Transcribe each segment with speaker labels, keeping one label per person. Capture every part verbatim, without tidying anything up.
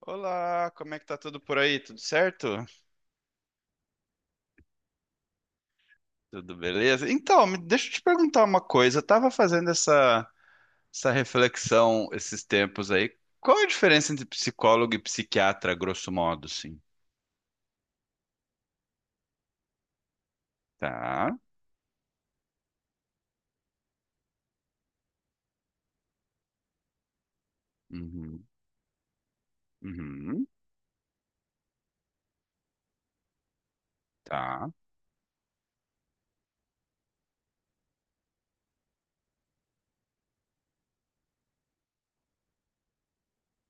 Speaker 1: Olá, como é que tá tudo por aí? Tudo certo? Tudo beleza? Então, me- deixa eu te perguntar uma coisa. Eu tava fazendo essa, essa reflexão esses tempos aí. Qual é a diferença entre psicólogo e psiquiatra, grosso modo, sim? Tá. Uhum. Uhum. Tá.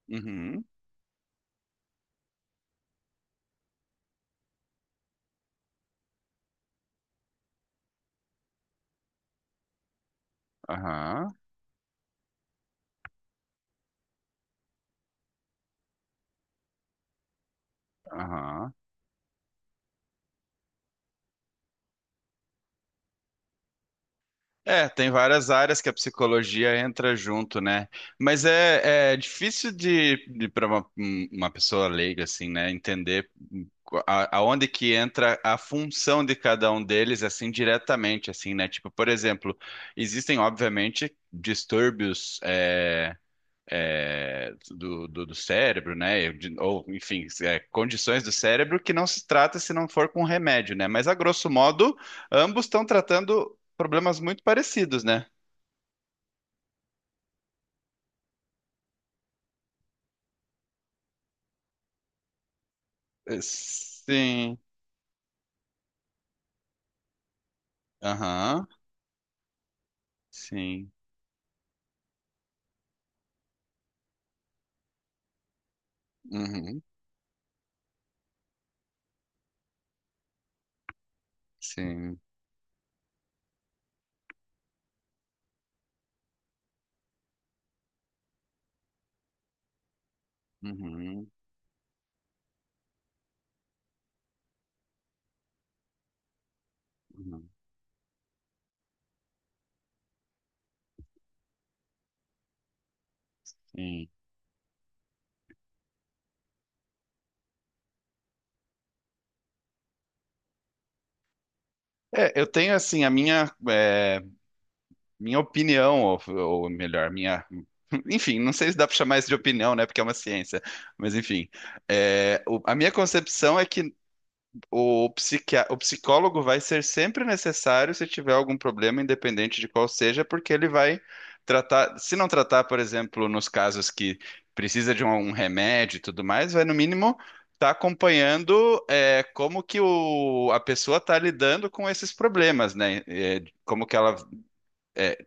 Speaker 1: Uhum. Aham. Aham. É, tem várias áreas que a psicologia entra junto, né? Mas é, é difícil de, de para uma, um- uma pessoa leiga, assim, né, entender a- aonde que entra a função de cada um deles, assim, diretamente, assim, né? Tipo, por exemplo, existem, obviamente, distúrbios. é, é, do do, do cérebro, né? De- Ou, enfim, é, condições do cérebro que não se trata se não for com remédio, né? Mas, a grosso modo, ambos estão tratando problemas muito parecidos, né? É, sim. Aham. Sim. Uhum. Sim. Uhum. Uhum. Sim. É, eu tenho, assim, a minha, é, minha opinião, ou, ou melhor, minha. Enfim, não sei se dá para chamar isso de opinião, né? Porque é uma ciência. Mas, enfim. É, o- a minha concepção é que O psiquia- o psicólogo vai ser sempre necessário se tiver algum problema, independente de qual seja, porque ele vai tratar. Se não tratar, por exemplo, nos casos que precisa de um, um remédio e tudo mais, vai no mínimo estar acompanhando é, como que o- a pessoa está lidando com esses problemas, né? É, como que ela, é,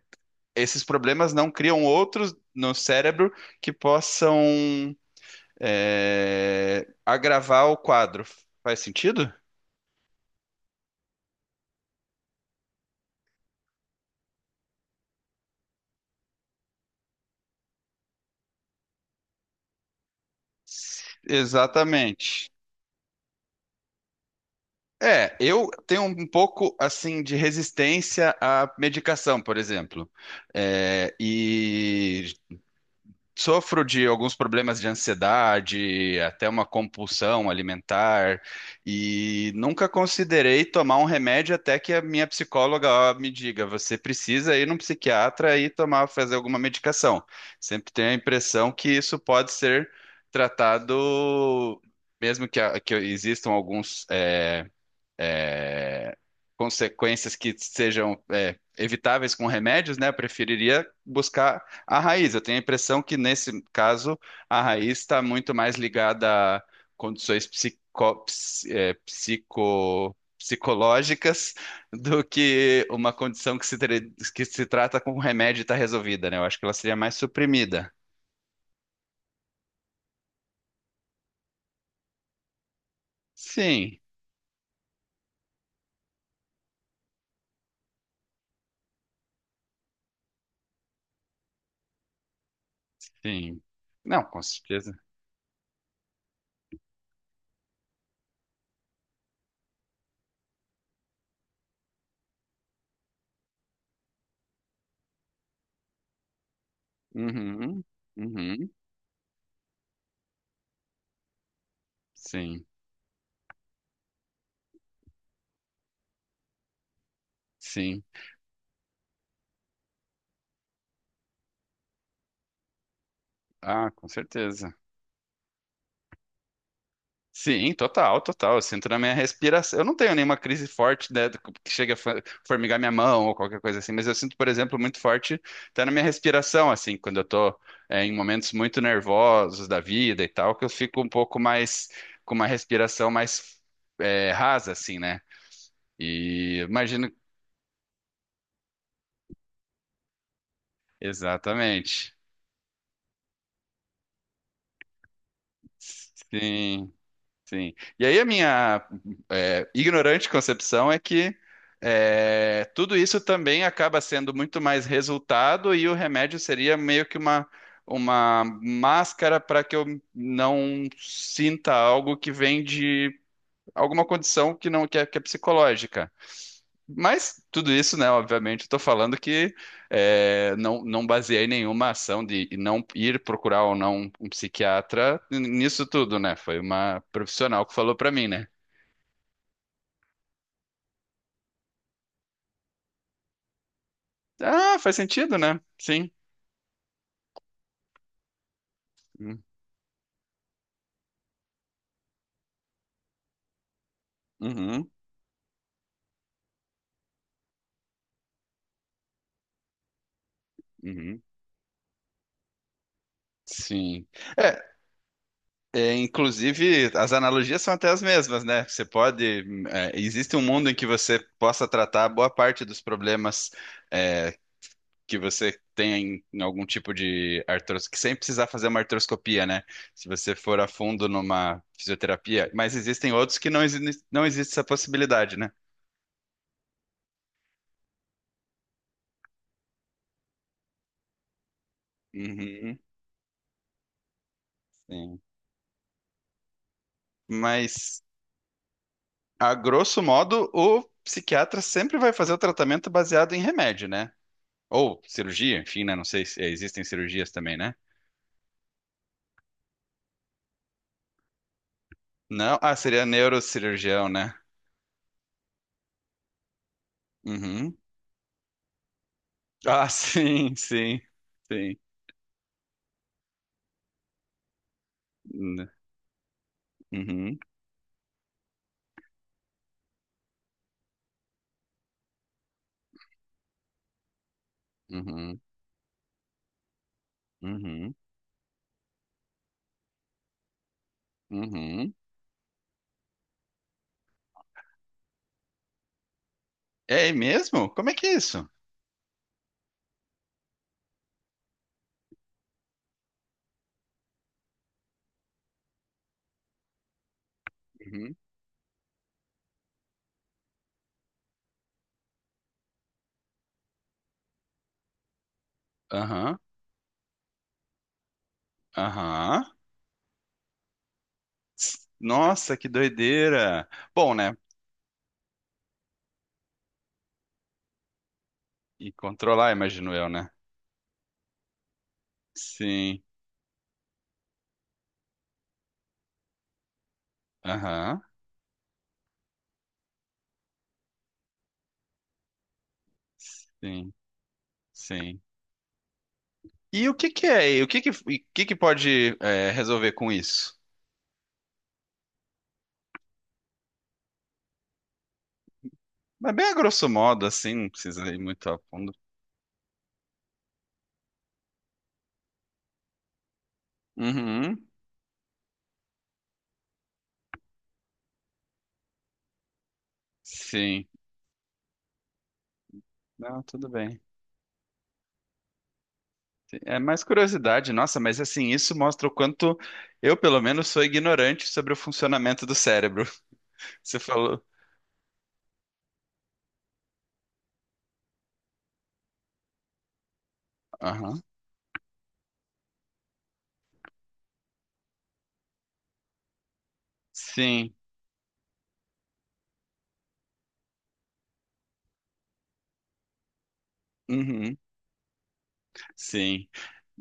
Speaker 1: esses problemas não criam outros no cérebro que possam é, agravar o quadro. Faz sentido? Exatamente. É, eu tenho um pouco assim de resistência à medicação, por exemplo. É, e sofro de alguns problemas de ansiedade, até uma compulsão alimentar, e nunca considerei tomar um remédio até que a minha psicóloga ó, me diga: você precisa ir num psiquiatra e tomar, fazer alguma medicação. Sempre tenho a impressão que isso pode ser tratado, mesmo que, a- que existam alguns. eh, é, consequências que sejam é, evitáveis com remédios, né? Eu preferiria buscar a raiz. Eu tenho a impressão que, nesse caso, a raiz está muito mais ligada a condições psico- ps- é, psico- psicológicas do que uma condição que se, tre- que se trata com remédio e está resolvida, né? Eu acho que ela seria mais suprimida. Sim, sim. Não, com certeza. Uhum, uhum, sim, sim. Ah, com certeza. Sim, total, total. Eu sinto na minha respiração. Eu não tenho nenhuma crise forte, né, do- que chega a fa- formigar minha mão ou qualquer coisa assim, mas eu sinto, por exemplo, muito forte até na minha respiração, assim, quando eu tô, é, em momentos muito nervosos da vida e tal, que eu fico um pouco mais, com uma respiração mais, é, rasa, assim, né? E imagino. Exatamente. Sim. Sim. E aí a minha é, ignorante concepção é que é, tudo isso também acaba sendo muito mais resultado e o remédio seria meio que uma, uma máscara para que eu não sinta algo que vem de alguma condição que não que é, que é psicológica. Mas tudo isso, né? Obviamente, estou falando que é, não, não baseei nenhuma ação de não ir procurar ou não um psiquiatra nisso tudo, né? Foi uma profissional que falou para mim, né? Ah, faz sentido, né? Sim. Hum. Uhum, uhum. Sim. É, é, inclusive, as analogias são até as mesmas, né? Você pode. hum, é, existe um mundo em que você possa tratar boa parte dos problemas é, que você tem em algum tipo de artros... que sem precisar fazer uma artroscopia, né? Se você for a fundo numa fisioterapia, mas existem outros que não, exi... não existe essa possibilidade, né? Uhum, sim. Mas, a grosso modo, o psiquiatra sempre vai fazer o tratamento baseado em remédio, né? Ou cirurgia, enfim, né? Não sei se existem cirurgias também, né? Não, ah, seria neurocirurgião, né? Uhum. Ah, sim, sim, sim. Uhum, uhum, uhum. Uhum. É mesmo? Como é que é isso? Uhum. Aham, aham. Nossa, que doideira. Bom, né? E controlar, imagino eu, né? Sim. Aham. Sim, sim. E o que que é? E o que que, e o que que pode é, resolver com isso? Mas bem a grosso modo, assim, não precisa ir muito a fundo. Uhum. Sim. Não, tudo bem. É mais curiosidade, nossa, mas assim, isso mostra o quanto eu, pelo menos, sou ignorante sobre o funcionamento do cérebro. Você falou. Aham. Sim. Uhum. Sim.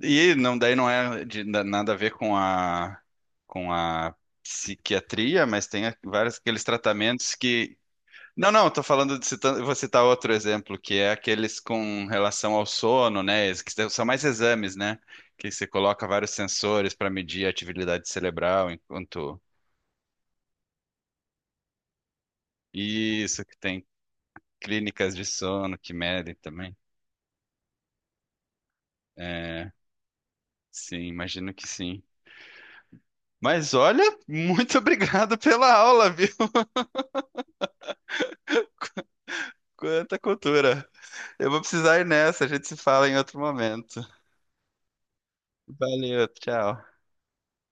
Speaker 1: E não, daí não é de na- nada a ver com a com a psiquiatria, mas tem a- vários aqueles tratamentos que não, não, tô falando de citando, eu vou citar outro exemplo, que é aqueles com relação ao sono, né? es- Que são mais exames, né? Que você coloca vários sensores para medir a atividade cerebral enquanto isso, que tem clínicas de sono que medem também. É, sim, imagino que sim. Mas olha, muito obrigado pela aula, viu? Quanta cultura. Eu vou precisar ir nessa, a gente se fala em outro momento. Valeu, tchau.